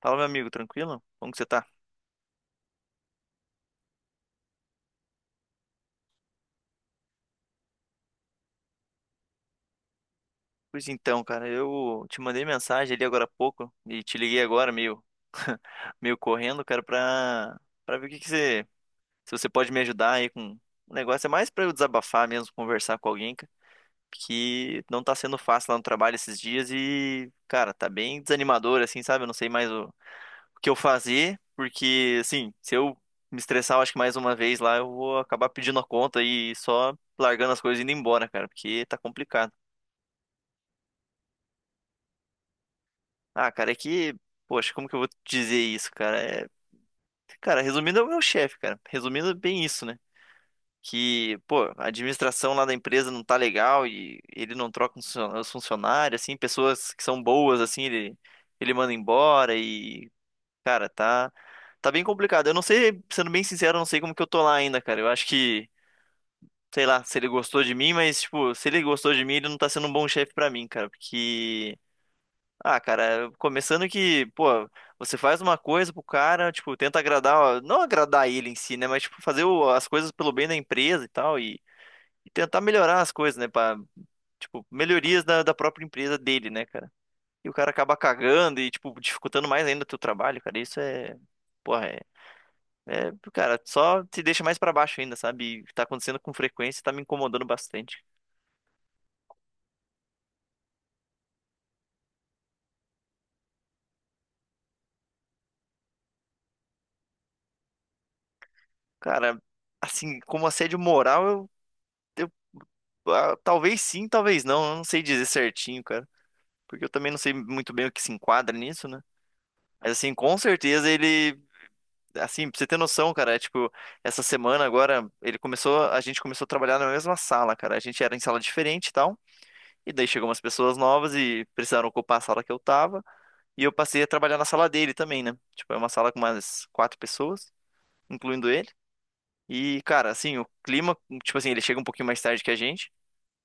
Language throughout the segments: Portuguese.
Fala, meu amigo, tranquilo? Como que você tá? Pois então, cara, eu te mandei mensagem ali agora há pouco e te liguei agora meio, meio correndo, cara, pra ver o que que você, se você pode me ajudar aí com o negócio. É mais pra eu desabafar mesmo, conversar com alguém, cara, que não tá sendo fácil lá no trabalho esses dias e, cara, tá bem desanimador, assim, sabe? Eu não sei mais o que eu fazer, porque, assim, se eu me estressar, eu acho que mais uma vez lá, eu vou acabar pedindo a conta e só largando as coisas e indo embora, cara, porque tá complicado. Ah, cara, é que. Poxa, como que eu vou dizer isso, cara? Cara, resumindo, é o meu chefe, cara. Resumindo, é bem isso, né? Que, pô, a administração lá da empresa não tá legal e ele não troca os os funcionários, assim, pessoas que são boas, assim, ele manda embora e, cara, tá bem complicado. Eu não sei, sendo bem sincero, eu não sei como que eu tô lá ainda, cara. Eu acho que, sei lá, se ele gostou de mim, mas, tipo, se ele gostou de mim, ele não tá sendo um bom chefe pra mim, cara, porque. Ah, cara, começando que, pô, você faz uma coisa pro cara, tipo, tenta agradar, ó, não agradar ele em si, né, mas, tipo, fazer as coisas pelo bem da empresa e tal, e tentar melhorar as coisas, né, pra, tipo, melhorias da própria empresa dele, né, cara. E o cara acaba cagando e, tipo, dificultando mais ainda o teu trabalho, cara, isso é, porra, é, cara, só te deixa mais pra baixo ainda, sabe, e tá acontecendo com frequência, e tá me incomodando bastante. Cara, assim, como assédio moral, eu. Ah, talvez sim, talvez não. Eu não sei dizer certinho, cara. Porque eu também não sei muito bem o que se enquadra nisso, né? Mas assim, com certeza ele. Assim, pra você ter noção, cara, é tipo, essa semana agora, ele começou, a gente começou a trabalhar na mesma sala, cara. A gente era em sala diferente e tal. E daí chegou umas pessoas novas e precisaram ocupar a sala que eu tava. E eu passei a trabalhar na sala dele também, né? Tipo, é uma sala com umas quatro pessoas, incluindo ele. E, cara, assim, o clima, tipo assim, ele chega um pouquinho mais tarde que a gente.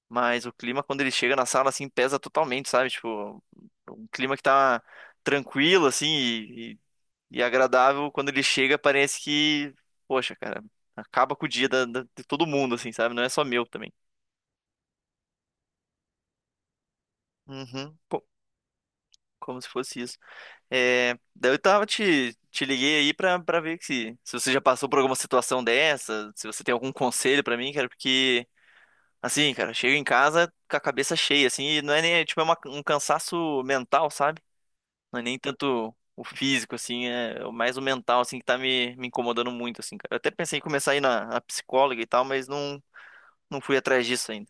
Mas o clima, quando ele chega na sala, assim, pesa totalmente, sabe? Tipo, um clima que tá tranquilo, assim, e agradável. Quando ele chega, parece que, poxa, cara, acaba com o dia de todo mundo, assim, sabe? Não é só meu também. Uhum, como se fosse isso. É, daí eu tava te liguei aí pra ver que se você já passou por alguma situação dessa, se você tem algum conselho pra mim, cara, porque, assim, cara, eu chego em casa com a cabeça cheia, assim, e não é nem, tipo, é um cansaço mental, sabe? Não é nem tanto o físico, assim, é mais o mental, assim, que tá me incomodando muito, assim, cara. Eu até pensei em começar a ir na psicóloga e tal, mas não, não fui atrás disso ainda.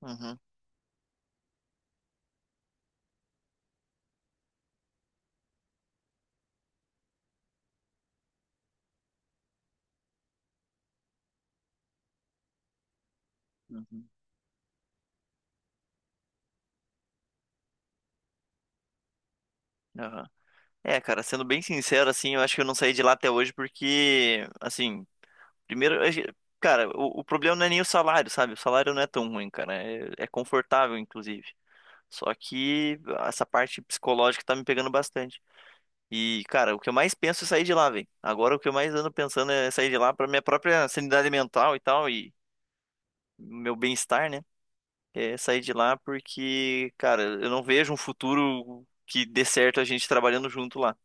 Uhum, uhum, aham. É, cara, sendo bem sincero, assim, eu acho que eu não saí de lá até hoje porque, assim, primeiro, cara, o problema não é nem o salário, sabe? O salário não é tão ruim, cara. É confortável, inclusive. Só que essa parte psicológica tá me pegando bastante. E, cara, o que eu mais penso é sair de lá, velho. Agora o que eu mais ando pensando é sair de lá pra minha própria sanidade mental e tal, e meu bem-estar, né? É sair de lá porque, cara, eu não vejo um futuro que dê certo a gente trabalhando junto lá.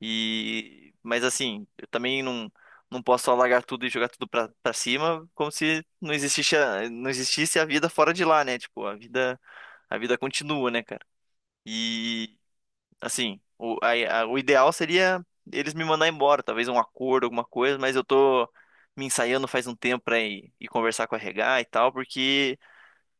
E, mas assim, eu também não, não posso só largar tudo e jogar tudo pra cima, como se não existisse a, não existisse a vida fora de lá, né? Tipo, a vida continua, né, cara? E assim, o, o ideal seria eles me mandar embora, talvez um acordo, alguma coisa, mas eu tô me ensaiando faz um tempo pra ir conversar com a RH e tal, porque,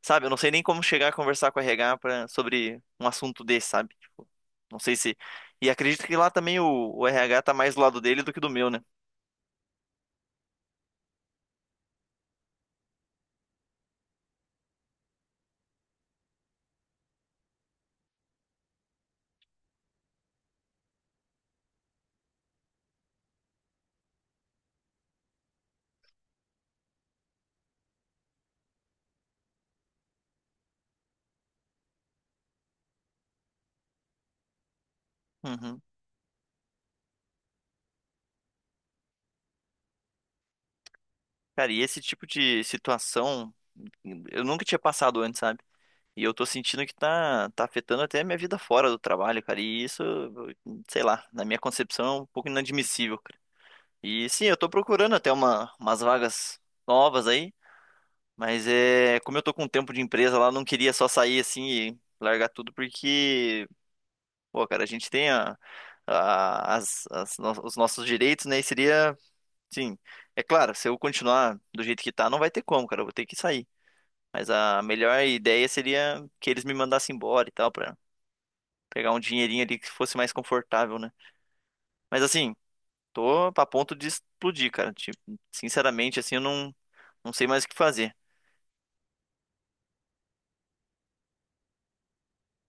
sabe, eu não sei nem como chegar a conversar com a RH pra, sobre um assunto desse, sabe? Tipo, não sei se. E acredito que lá também o RH tá mais do lado dele do que do meu, né? Uhum. Cara, e esse tipo de situação eu nunca tinha passado antes, sabe? E eu tô sentindo que tá afetando até a minha vida fora do trabalho, cara. E isso, sei lá, na minha concepção é um pouco inadmissível, cara. E sim, eu tô procurando até umas vagas novas aí, mas é, como eu tô com tempo de empresa lá, eu não queria só sair assim e largar tudo, porque, pô, cara, a gente tem as os nossos direitos, né? E seria, sim, é claro, se eu continuar do jeito que tá, não vai ter como, cara, eu vou ter que sair. Mas a melhor ideia seria que eles me mandassem embora e tal, pegar um dinheirinho ali que fosse mais confortável, né? Mas assim, tô a ponto de explodir, cara. Tipo, sinceramente, assim, eu não, não sei mais o que fazer.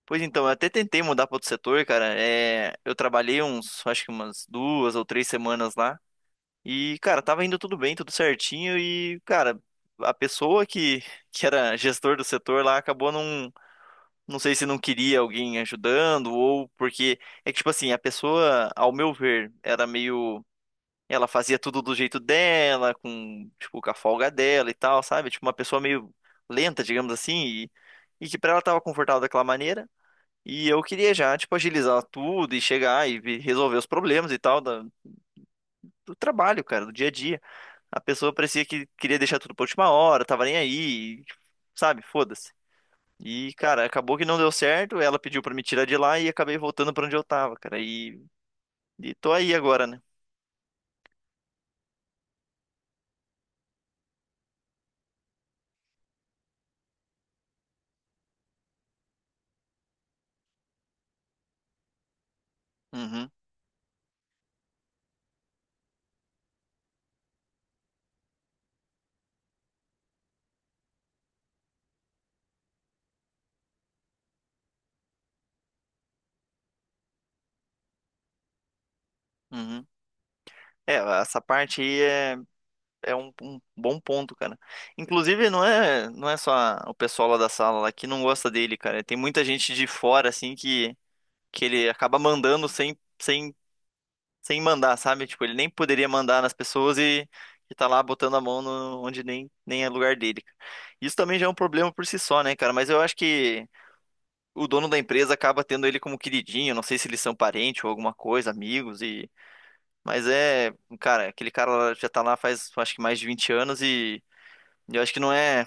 Pois então, eu até tentei mudar para outro setor, cara. É, eu trabalhei uns, acho que umas duas ou três semanas lá. E, cara, tava indo tudo bem, tudo certinho. E, cara, a pessoa que era gestor do setor lá acabou não. Não sei se não queria alguém ajudando ou porque. É que, tipo assim, a pessoa, ao meu ver, era meio. Ela fazia tudo do jeito dela, com, tipo, com a folga dela e tal, sabe? Tipo, uma pessoa meio lenta, digamos assim, e que pra ela tava confortável daquela maneira. E eu queria já, tipo, agilizar tudo e chegar e resolver os problemas e tal do trabalho, cara, do dia a dia. A pessoa parecia que queria deixar tudo pra última hora, tava nem aí, e, sabe? Foda-se. E, cara, acabou que não deu certo, ela pediu pra me tirar de lá e acabei voltando pra onde eu tava, cara. E tô aí agora, né? Uhum, uhum. É, essa parte aí é é um, um bom ponto, cara. Inclusive, não é, não é só o pessoal lá da sala lá que não gosta dele, cara. Tem muita gente de fora, assim, que ele acaba mandando sem mandar, sabe? Tipo, ele nem poderia mandar nas pessoas e tá lá botando a mão no, onde nem, nem é lugar dele. Cara. Isso também já é um problema por si só, né, cara? Mas eu acho que o dono da empresa acaba tendo ele como queridinho. Não sei se eles são parentes ou alguma coisa, amigos e. Mas é, cara, aquele cara lá já tá lá faz acho que mais de 20 anos e eu acho que não é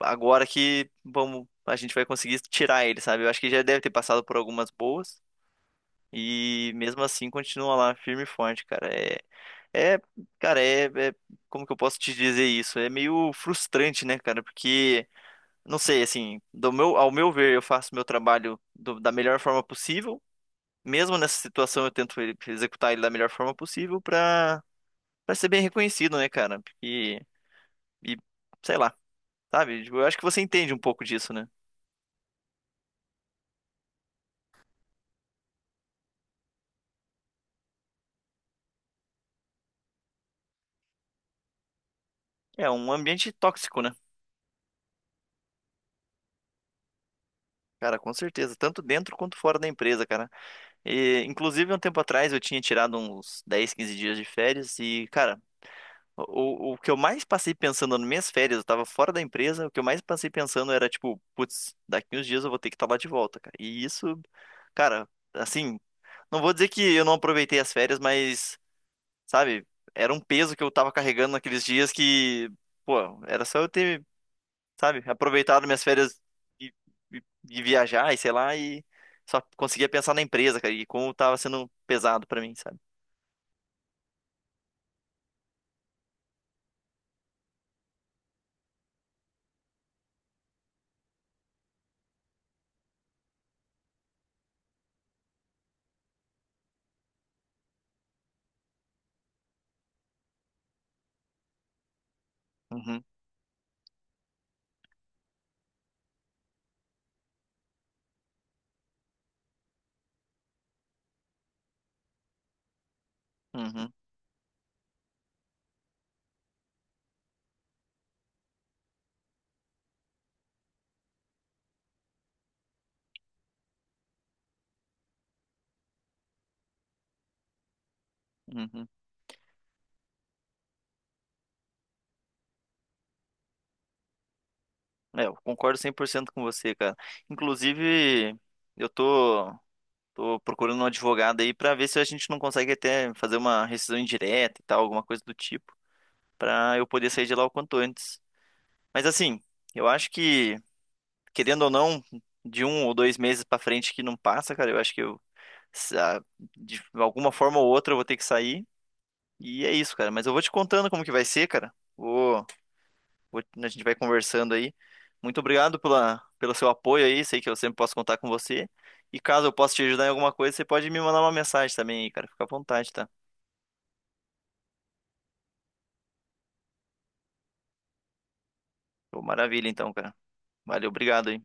agora que vamos, a gente vai conseguir tirar ele, sabe? Eu acho que já deve ter passado por algumas boas e mesmo assim continua lá firme e forte, cara. É, cara, como que eu posso te dizer isso? É meio frustrante, né, cara? Porque não sei, assim, do meu, ao meu ver, eu faço meu trabalho da melhor forma possível. Mesmo nessa situação, eu tento executar ele da melhor forma possível pra para ser bem reconhecido, né, cara? E sei lá, sabe? Tipo, eu acho que você entende um pouco disso, né? É um ambiente tóxico, né? Cara, com certeza, tanto dentro quanto fora da empresa, cara. E, inclusive, um tempo atrás eu tinha tirado uns 10, 15 dias de férias e, cara, o que eu mais passei pensando nas minhas férias, eu tava fora da empresa, o que eu mais passei pensando era, tipo, putz, daqui uns dias eu vou ter que estar lá de volta, cara. E isso, cara, assim, não vou dizer que eu não aproveitei as férias, mas, sabe, era um peso que eu tava carregando naqueles dias que, pô, era só eu ter sabe? Aproveitar minhas férias e, e- e viajar e sei lá, e só conseguia pensar na empresa, cara, e como tava sendo pesado pra mim, sabe? Uhum, uhum, uhum. É, eu concordo 100% com você, cara. Inclusive, eu tô, tô procurando um advogado aí pra ver se a gente não consegue até fazer uma rescisão indireta e tal, alguma coisa do tipo, pra eu poder sair de lá o quanto antes. Mas assim, eu acho que, querendo ou não, de um ou dois meses pra frente que não passa, cara, eu acho que eu sa- de alguma forma ou outra eu vou ter que sair. E é isso, cara. Mas eu vou te contando como que vai ser, cara. Vou, vou- a gente vai conversando aí. Muito obrigado pela, pelo seu apoio aí. Sei que eu sempre posso contar com você. E caso eu possa te ajudar em alguma coisa, você pode me mandar uma mensagem também aí, cara. Fica à vontade, tá? Pô, maravilha, então, cara. Valeu, obrigado aí.